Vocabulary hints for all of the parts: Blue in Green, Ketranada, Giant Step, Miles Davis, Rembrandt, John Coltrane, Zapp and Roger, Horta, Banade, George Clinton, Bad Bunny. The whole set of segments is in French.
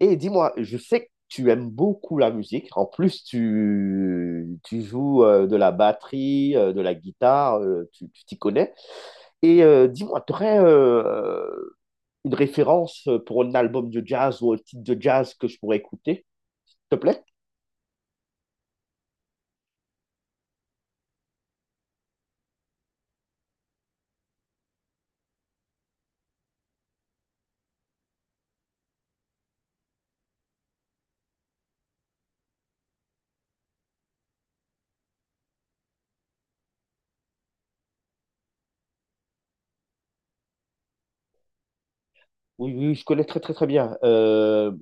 Et dis-moi, je sais que tu aimes beaucoup la musique. En plus, tu joues de la batterie, de la guitare, tu t'y connais. Et dis-moi, tu aurais une référence pour un album de jazz ou un titre de jazz que je pourrais écouter, s'il te plaît? Oui, oui, je connais très, très, très bien.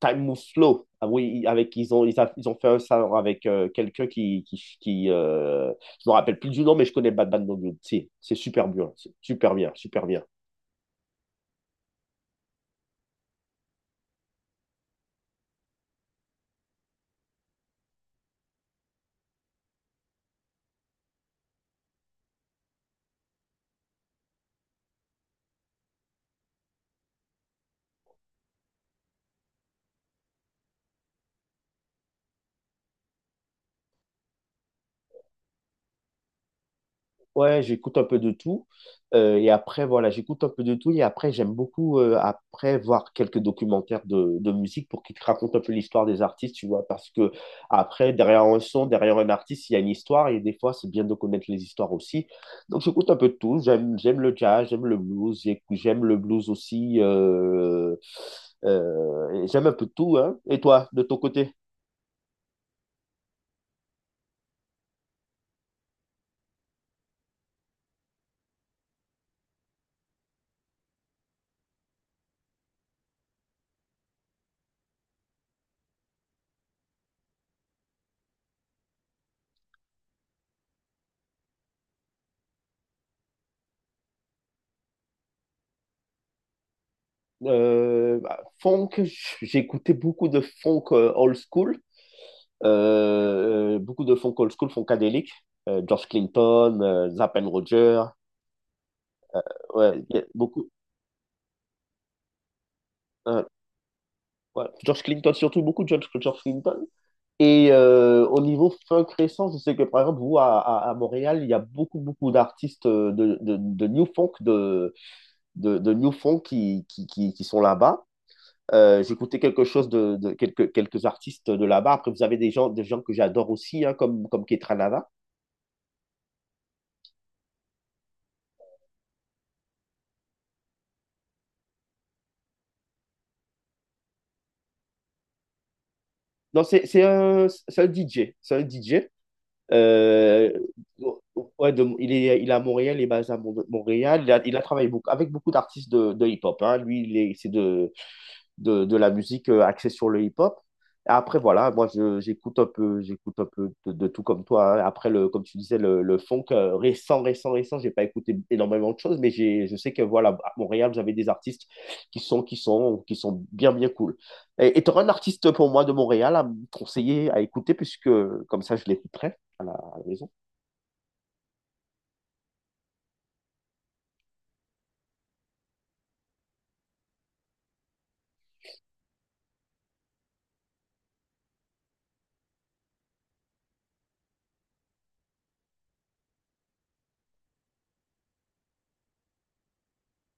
Time Moves Slow. Ah oui, avec, ils ont, ils a- ils ont fait un salon avec quelqu'un qui je me rappelle plus du nom, mais je connais Bad Bad Bad Bad. C'est super bien, c'est super bien, super bien. Ouais, j'écoute un peu de tout. Et après, voilà, j'écoute un peu de tout. Et après, j'aime beaucoup, après, voir quelques documentaires de musique pour qu'ils te racontent un peu l'histoire des artistes, tu vois. Parce que, après, derrière un son, derrière un artiste, il y a une histoire. Et des fois, c'est bien de connaître les histoires aussi. Donc, j'écoute un peu de tout. J'aime le jazz, j'aime le blues. J'aime le blues aussi. Et j'aime un peu de tout, hein. Et toi, de ton côté? Bah, funk, j'écoutais beaucoup de funk old school. Beaucoup de funk old school, funkadélique. George Clinton, Zapp and Roger. Ouais, y a beaucoup. Hein, ouais. George Clinton, surtout beaucoup de George Clinton. Et au niveau funk récent, je sais que par exemple, vous, à Montréal, il y a beaucoup, beaucoup d'artistes de New Funk, de New Funk qui qui sont là-bas. J'écoutais quelque chose de quelques artistes de là-bas. Après, vous avez des gens que j'adore aussi, hein, comme Ketranada. Non, c'est un, c'est un DJ. C'est un DJ. Euh, ouais, il est à Montréal, il est basé à Montréal. Il a travaillé beaucoup, avec beaucoup d'artistes de hip-hop. Hein. Lui, il est, c'est de la musique axée sur le hip-hop. Et après, voilà, moi, j'écoute un peu de tout comme toi. Hein. Après, le, comme tu disais, le funk euh, récent, j'ai pas écouté énormément de choses, mais je sais que, voilà, à Montréal, vous avez des artistes qui sont bien, bien cool. Et tu auras un artiste pour moi de Montréal à me conseiller, à écouter, puisque comme ça, je l'écouterai à la maison.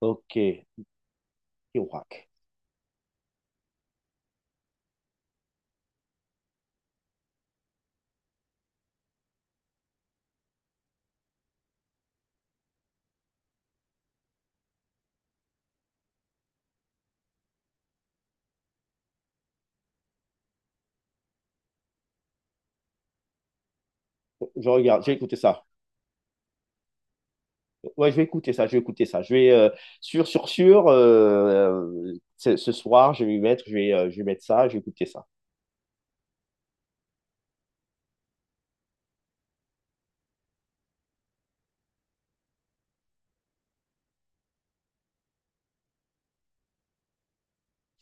Ok, Irak. Je regarde, j'ai écouté ça. Ouais, je vais écouter ça. Je vais, sûr, sûr, sûr, ce soir, je vais m'y mettre, je vais mettre ça, je vais écouter ça.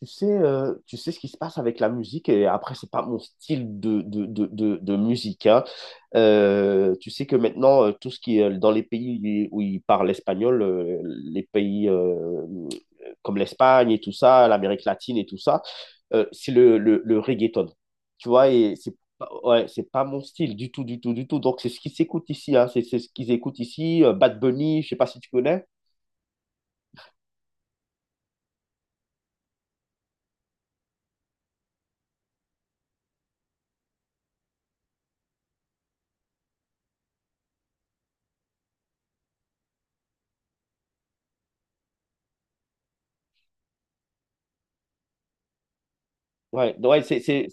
Tu sais ce qui se passe avec la musique, et après, c'est pas mon style de musique, hein. Tu sais que maintenant, tout ce qui est dans les pays où ils parlent espagnol, les pays comme l'Espagne et tout ça, l'Amérique latine et tout ça, c'est le reggaeton. Tu vois, et c'est pas, ouais, c'est pas mon style du tout, du tout, du tout. Donc, c'est ce qui s'écoute ici, hein. C'est ce qu'ils écoutent ici, Bad Bunny, je sais pas si tu connais. Ouais, ouais, c'est, c'est,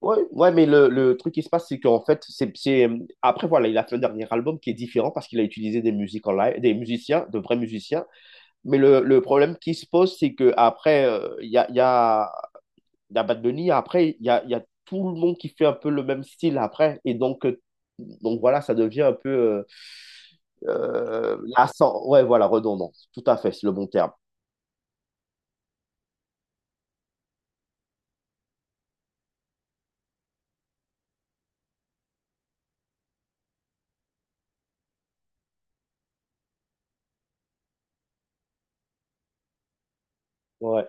Ouais, ouais, mais le truc qui se passe, c'est qu'en fait, c'est... Après, voilà, il a fait un dernier album qui est différent parce qu'il a utilisé des musiques en live, des musiciens, de vrais musiciens. Mais le problème qui se pose, c'est que qu'après, il y a, il y a, il y a Bad Bunny, après, il y a tout le monde qui fait un peu le même style après. Et donc voilà, ça devient un peu... lassant. Ouais, voilà, redondant. Tout à fait, c'est le bon terme. Ouais.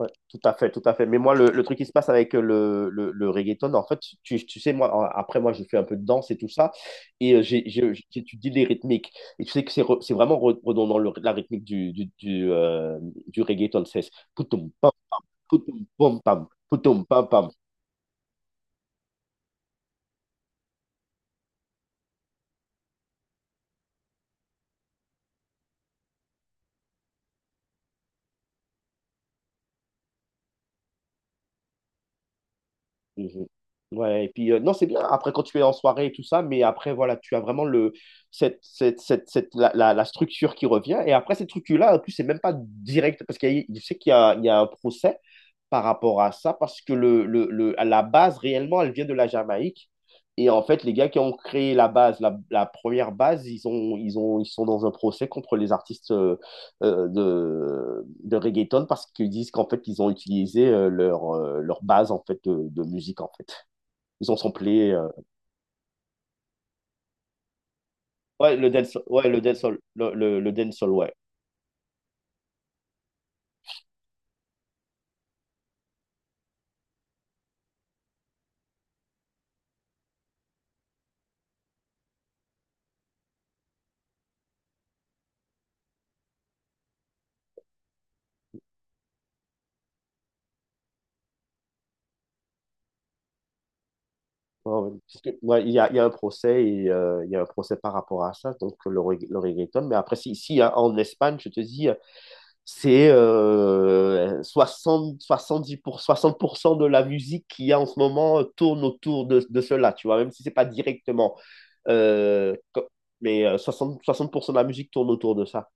Ouais, tout à fait, tout à fait. Mais moi, le truc qui se passe avec le reggaeton, en fait, tu sais, moi, après, moi, j'ai fait un peu de danse et tout ça, et j'étudie les rythmiques. Et tu sais que c'est c'est vraiment redondant, la rythmique du reggaeton, c'est poutoum, pam, poutoum, pom, pam, poutoum, pam, pam. Mhm. Ouais, et puis, non, c'est bien, après, quand tu es en soirée et tout ça, mais après, voilà, tu as vraiment le, la structure qui revient, et après, cette structure-là, en plus, c'est même pas direct, parce qu'je sais qu'il y a un procès, par rapport à ça parce que à la base, réellement, elle vient de la Jamaïque. Et en fait, les gars qui ont créé la base, la première base, ils sont dans un procès contre les artistes de reggaeton parce qu'ils disent qu'en fait, ils ont utilisé leur, leur base en fait, de musique, en fait. Ils ont samplé... Ouais, le dancehall, le dancehall, ouais. Ouais, ouais. Parce que, ouais, il y a un procès et il y a un procès par rapport à ça, donc le reggaeton. Mais après, si, si hein, en Espagne, je te dis, c'est soixante 60% de la musique qu'il y a en ce moment tourne autour de cela, tu vois, même si c'est pas directement. euh, co- mais 60, 60% de la musique tourne autour de ça.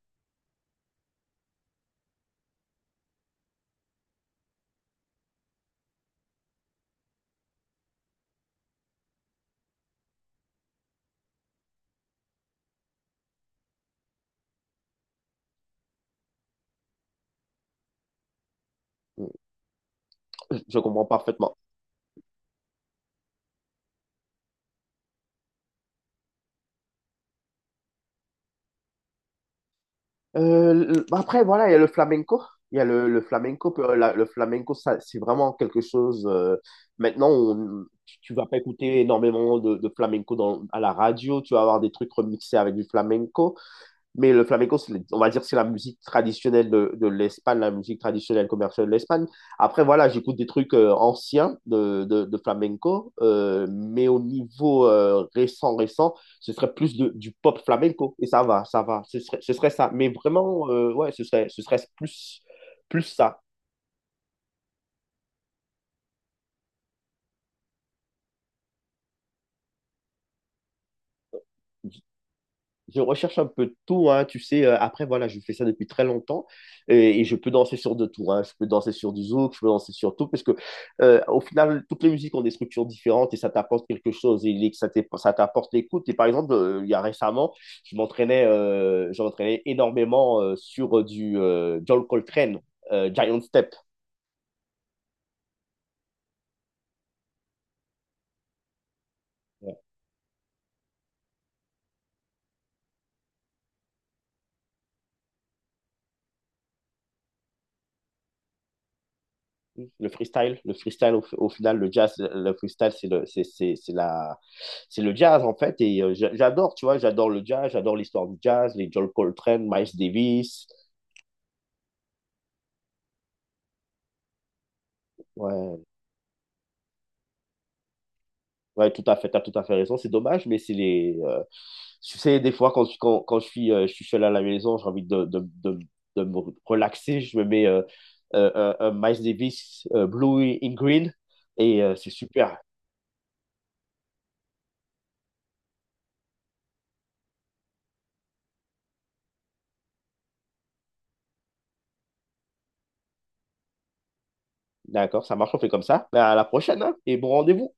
Je je comprends parfaitement. Le- après, voilà, il y a le flamenco. Il y a le flamenco. Le flamenco, ça, c'est vraiment quelque chose. Maintenant, tu vas pas écouter énormément de flamenco dans, à la radio. Tu vas avoir des trucs remixés avec du flamenco. Mais le flamenco, on va dire, c'est la musique traditionnelle de l'Espagne, la musique traditionnelle commerciale de l'Espagne. Après, voilà, j'écoute des trucs anciens de flamenco, mais au niveau euh, récent, ce serait du pop flamenco. Et ça va, ce serait ça. Mais vraiment, ouais, ce serait plus ça. Je recherche un peu de tout, hein, tu sais. Après, voilà, je fais ça depuis très longtemps et je peux danser sur de tout. Hein. Je peux danser sur du zouk, je peux danser sur tout parce que, au final, toutes les musiques ont des structures différentes et ça t'apporte quelque chose et ça t'apporte l'écoute. Et par exemple, il y a récemment, je m'entraînais énormément sur du John Coltrane, Giant Step. Le freestyle, au final, le jazz, le freestyle, c'est le, c'est la, c'est le jazz en fait. Et j'adore, tu vois, j'adore le jazz, j'adore l'histoire du jazz, les John Coltrane, Miles Davis. Ouais, ouais, tout à fait, t'as tout à fait raison. C'est dommage, mais c'est les, tu sais, des fois quand je suis seul à la maison, j'ai envie de me relaxer, je me mets un Miles Davis, Blue in Green, et c'est super. D'accord, ça marche, on fait comme ça. Ben, à la prochaine, hein, et bon rendez-vous.